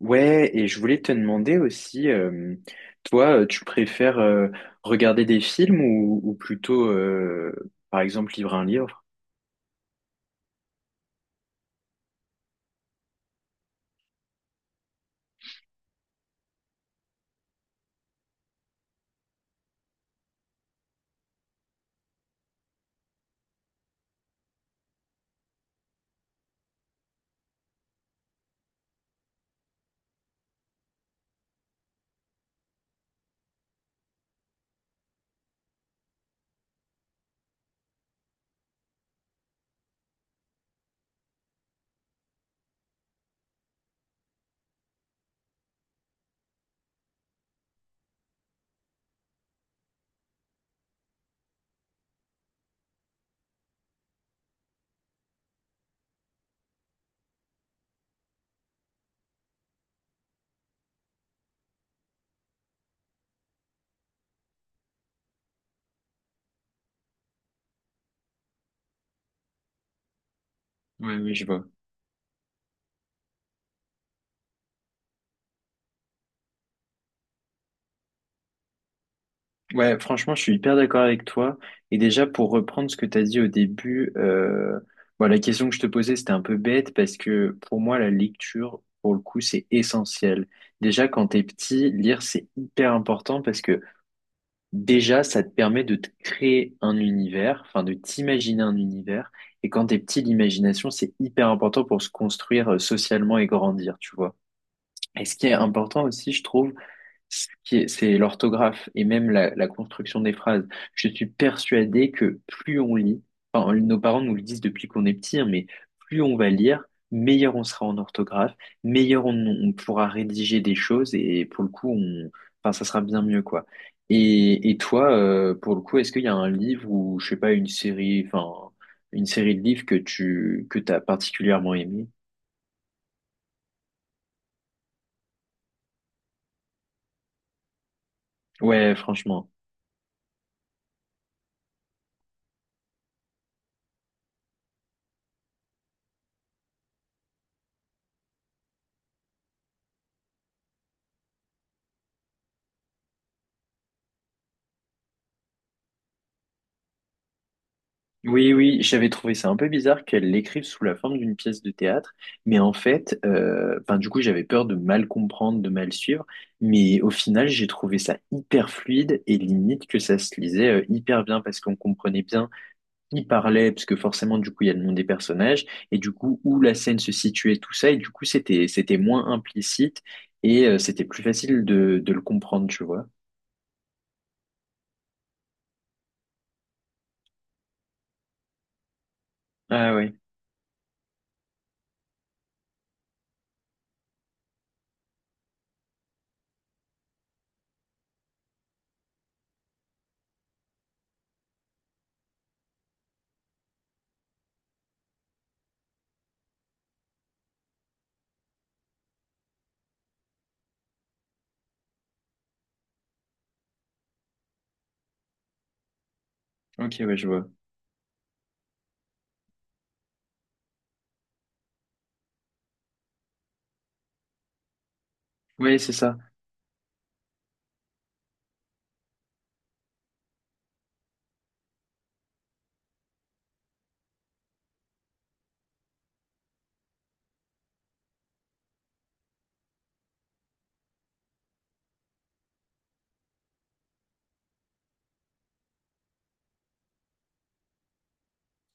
Ouais, et je voulais te demander aussi, toi, tu préfères regarder des films ou plutôt, par exemple, lire un livre? Ouais, oui, je vois. Ouais, franchement, je suis hyper d'accord avec toi. Et déjà, pour reprendre ce que tu as dit au début, bon, la question que je te posais, c'était un peu bête parce que pour moi, la lecture, pour le coup, c'est essentiel. Déjà, quand t'es petit, lire, c'est hyper important parce que déjà, ça te permet de te créer un univers, enfin de t'imaginer un univers. Et quand t'es petit, l'imagination, c'est hyper important pour se construire socialement et grandir, tu vois. Et ce qui est important aussi, je trouve, c'est l'orthographe et même la construction des phrases. Je suis persuadé que plus on lit, enfin, nos parents nous le disent depuis qu'on est petit, hein, mais plus on va lire, meilleur on sera en orthographe, meilleur on pourra rédiger des choses et pour le coup, on, enfin, ça sera bien mieux, quoi. Et toi, pour le coup, est-ce qu'il y a un livre ou, je sais pas, une série, enfin, une série de livres que tu, que t'as particulièrement aimé? Ouais, franchement. Oui, oui, j'avais trouvé ça un peu bizarre qu'elle l'écrive sous la forme d'une pièce de théâtre, mais en fait, enfin, du coup, j'avais peur de mal comprendre, de mal suivre, mais au final, j'ai trouvé ça hyper fluide et limite que ça se lisait hyper bien parce qu'on comprenait bien qui parlait, parce que forcément, du coup, il y a le nom des personnages et du coup, où la scène se situait, tout ça, et du coup, c'était moins implicite et c'était plus facile de le comprendre, tu vois. Ah oui, ok, ouais, je vois. Oui, c'est ça.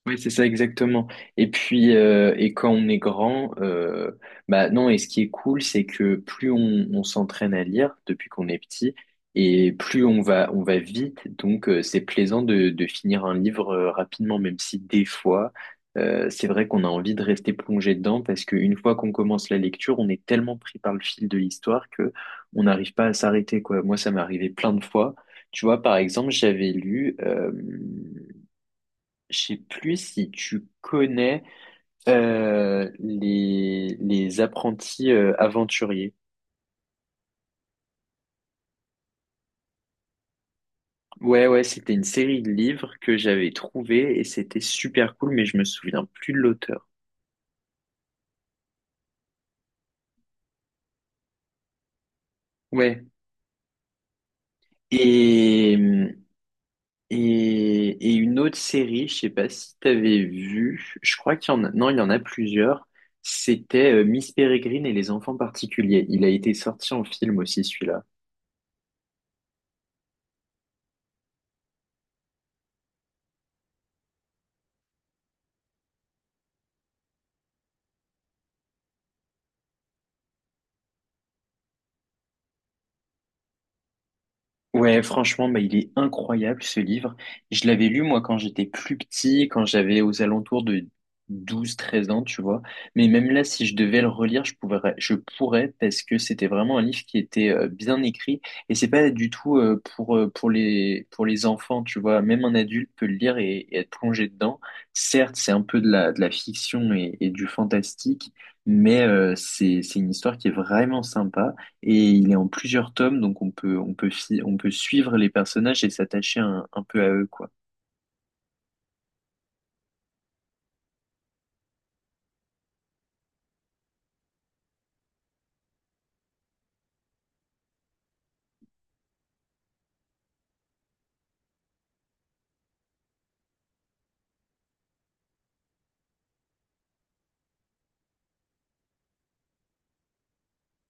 Oui, c'est ça exactement. Et puis, et quand on est grand, bah non, et ce qui est cool, c'est que plus on s'entraîne à lire depuis qu'on est petit, et plus on va vite, donc c'est plaisant de finir un livre rapidement, même si des fois, c'est vrai qu'on a envie de rester plongé dedans, parce qu'une fois qu'on commence la lecture, on est tellement pris par le fil de l'histoire que on n'arrive pas à s'arrêter, quoi. Moi, ça m'est arrivé plein de fois. Tu vois, par exemple, j'avais lu je sais plus si tu connais les apprentis aventuriers. Ouais, ouais, c'était une série de livres que j'avais trouvé et c'était super cool, mais je me souviens plus de l'auteur. Ouais. Et, et une autre série, je sais pas si t'avais vu, je crois qu'il y en a, non, il y en a plusieurs. C'était Miss Peregrine et les enfants particuliers. Il a été sorti en film aussi, celui-là. Ouais, franchement, bah, il est incroyable ce livre. Je l'avais lu moi quand j'étais plus petit, quand j'avais aux alentours de 12, 13 ans, tu vois. Mais même là, si je devais le relire, je pourrais parce que c'était vraiment un livre qui était bien écrit et c'est pas du tout pour les enfants, tu vois. Même un adulte peut le lire et être plongé dedans. Certes, c'est un peu de la fiction et du fantastique, mais c'est une histoire qui est vraiment sympa. Et il est en plusieurs tomes, donc on peut, on peut suivre les personnages et s'attacher un peu à eux, quoi.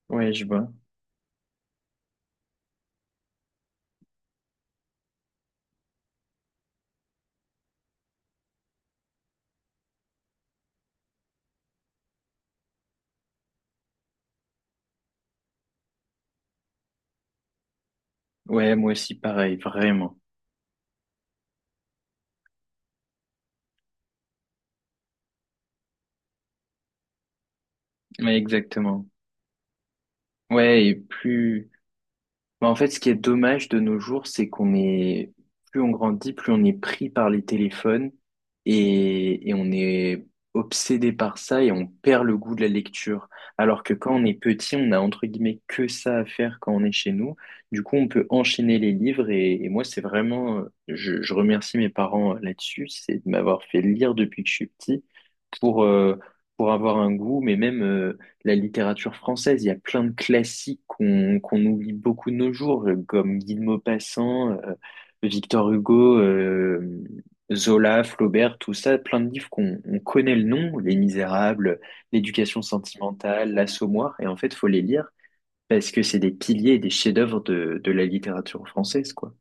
Ouais, je vois. Ouais, moi aussi, pareil, vraiment. Ouais, exactement. Ouais, et plus. Bah, en fait, ce qui est dommage de nos jours, c'est qu'on est, plus on grandit, plus on est pris par les téléphones et on est obsédé par ça et on perd le goût de la lecture. Alors que quand on est petit, on a entre guillemets que ça à faire quand on est chez nous. Du coup, on peut enchaîner les livres et moi, c'est vraiment, je remercie mes parents là-dessus, c'est de m'avoir fait lire depuis que je suis petit pour, euh, pour avoir un goût, mais même, la littérature française. Il y a plein de classiques qu'on oublie beaucoup de nos jours, comme Guy de Maupassant, Victor Hugo, Zola, Flaubert, tout ça, plein de livres qu'on on connaît le nom, Les Misérables, L'éducation sentimentale, L'Assommoir, et en fait, faut les lire parce que c'est des piliers et des chefs-d'œuvre de la littérature française, quoi.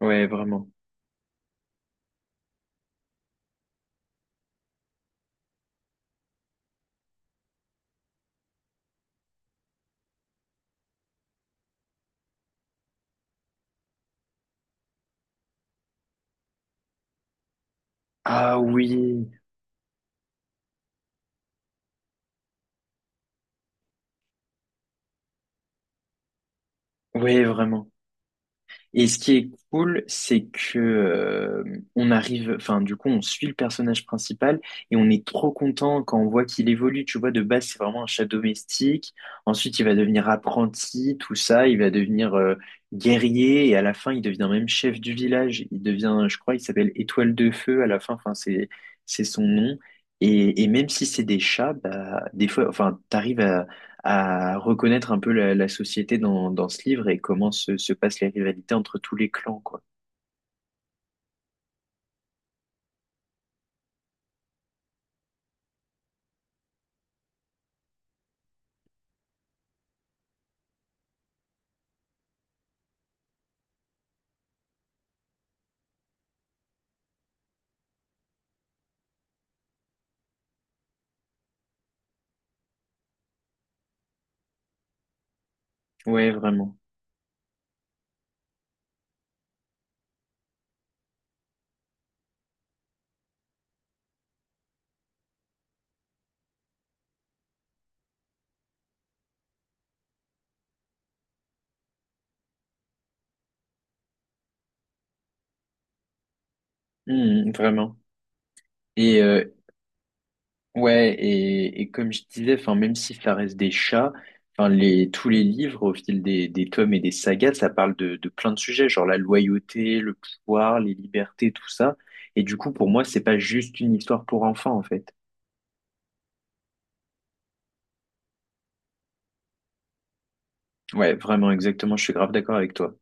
Ouais, vraiment. Ah oui, ouais, vraiment. Et ce qui est cool, c'est que on arrive, enfin du coup, on suit le personnage principal et on est trop content quand on voit qu'il évolue. Tu vois, de base, c'est vraiment un chat domestique. Ensuite, il va devenir apprenti, tout ça. Il va devenir guerrier et à la fin, il devient même chef du village. Il devient, je crois, il s'appelle Étoile de Feu à la fin. Enfin, c'est son nom. Et même si c'est des chats, bah, des fois, enfin, t'arrives à reconnaître un peu la, la société dans, dans ce livre et comment se, se passent les rivalités entre tous les clans, quoi. Ouais, vraiment. Hmm, vraiment. Et ouais, et comme je disais, enfin, même si ça reste des chats, enfin, les, tous les livres, au fil des tomes et des sagas, ça parle de plein de sujets, genre la loyauté, le pouvoir, les libertés, tout ça. Et du coup, pour moi, c'est pas juste une histoire pour enfants, en fait. Ouais, vraiment, exactement, je suis grave d'accord avec toi.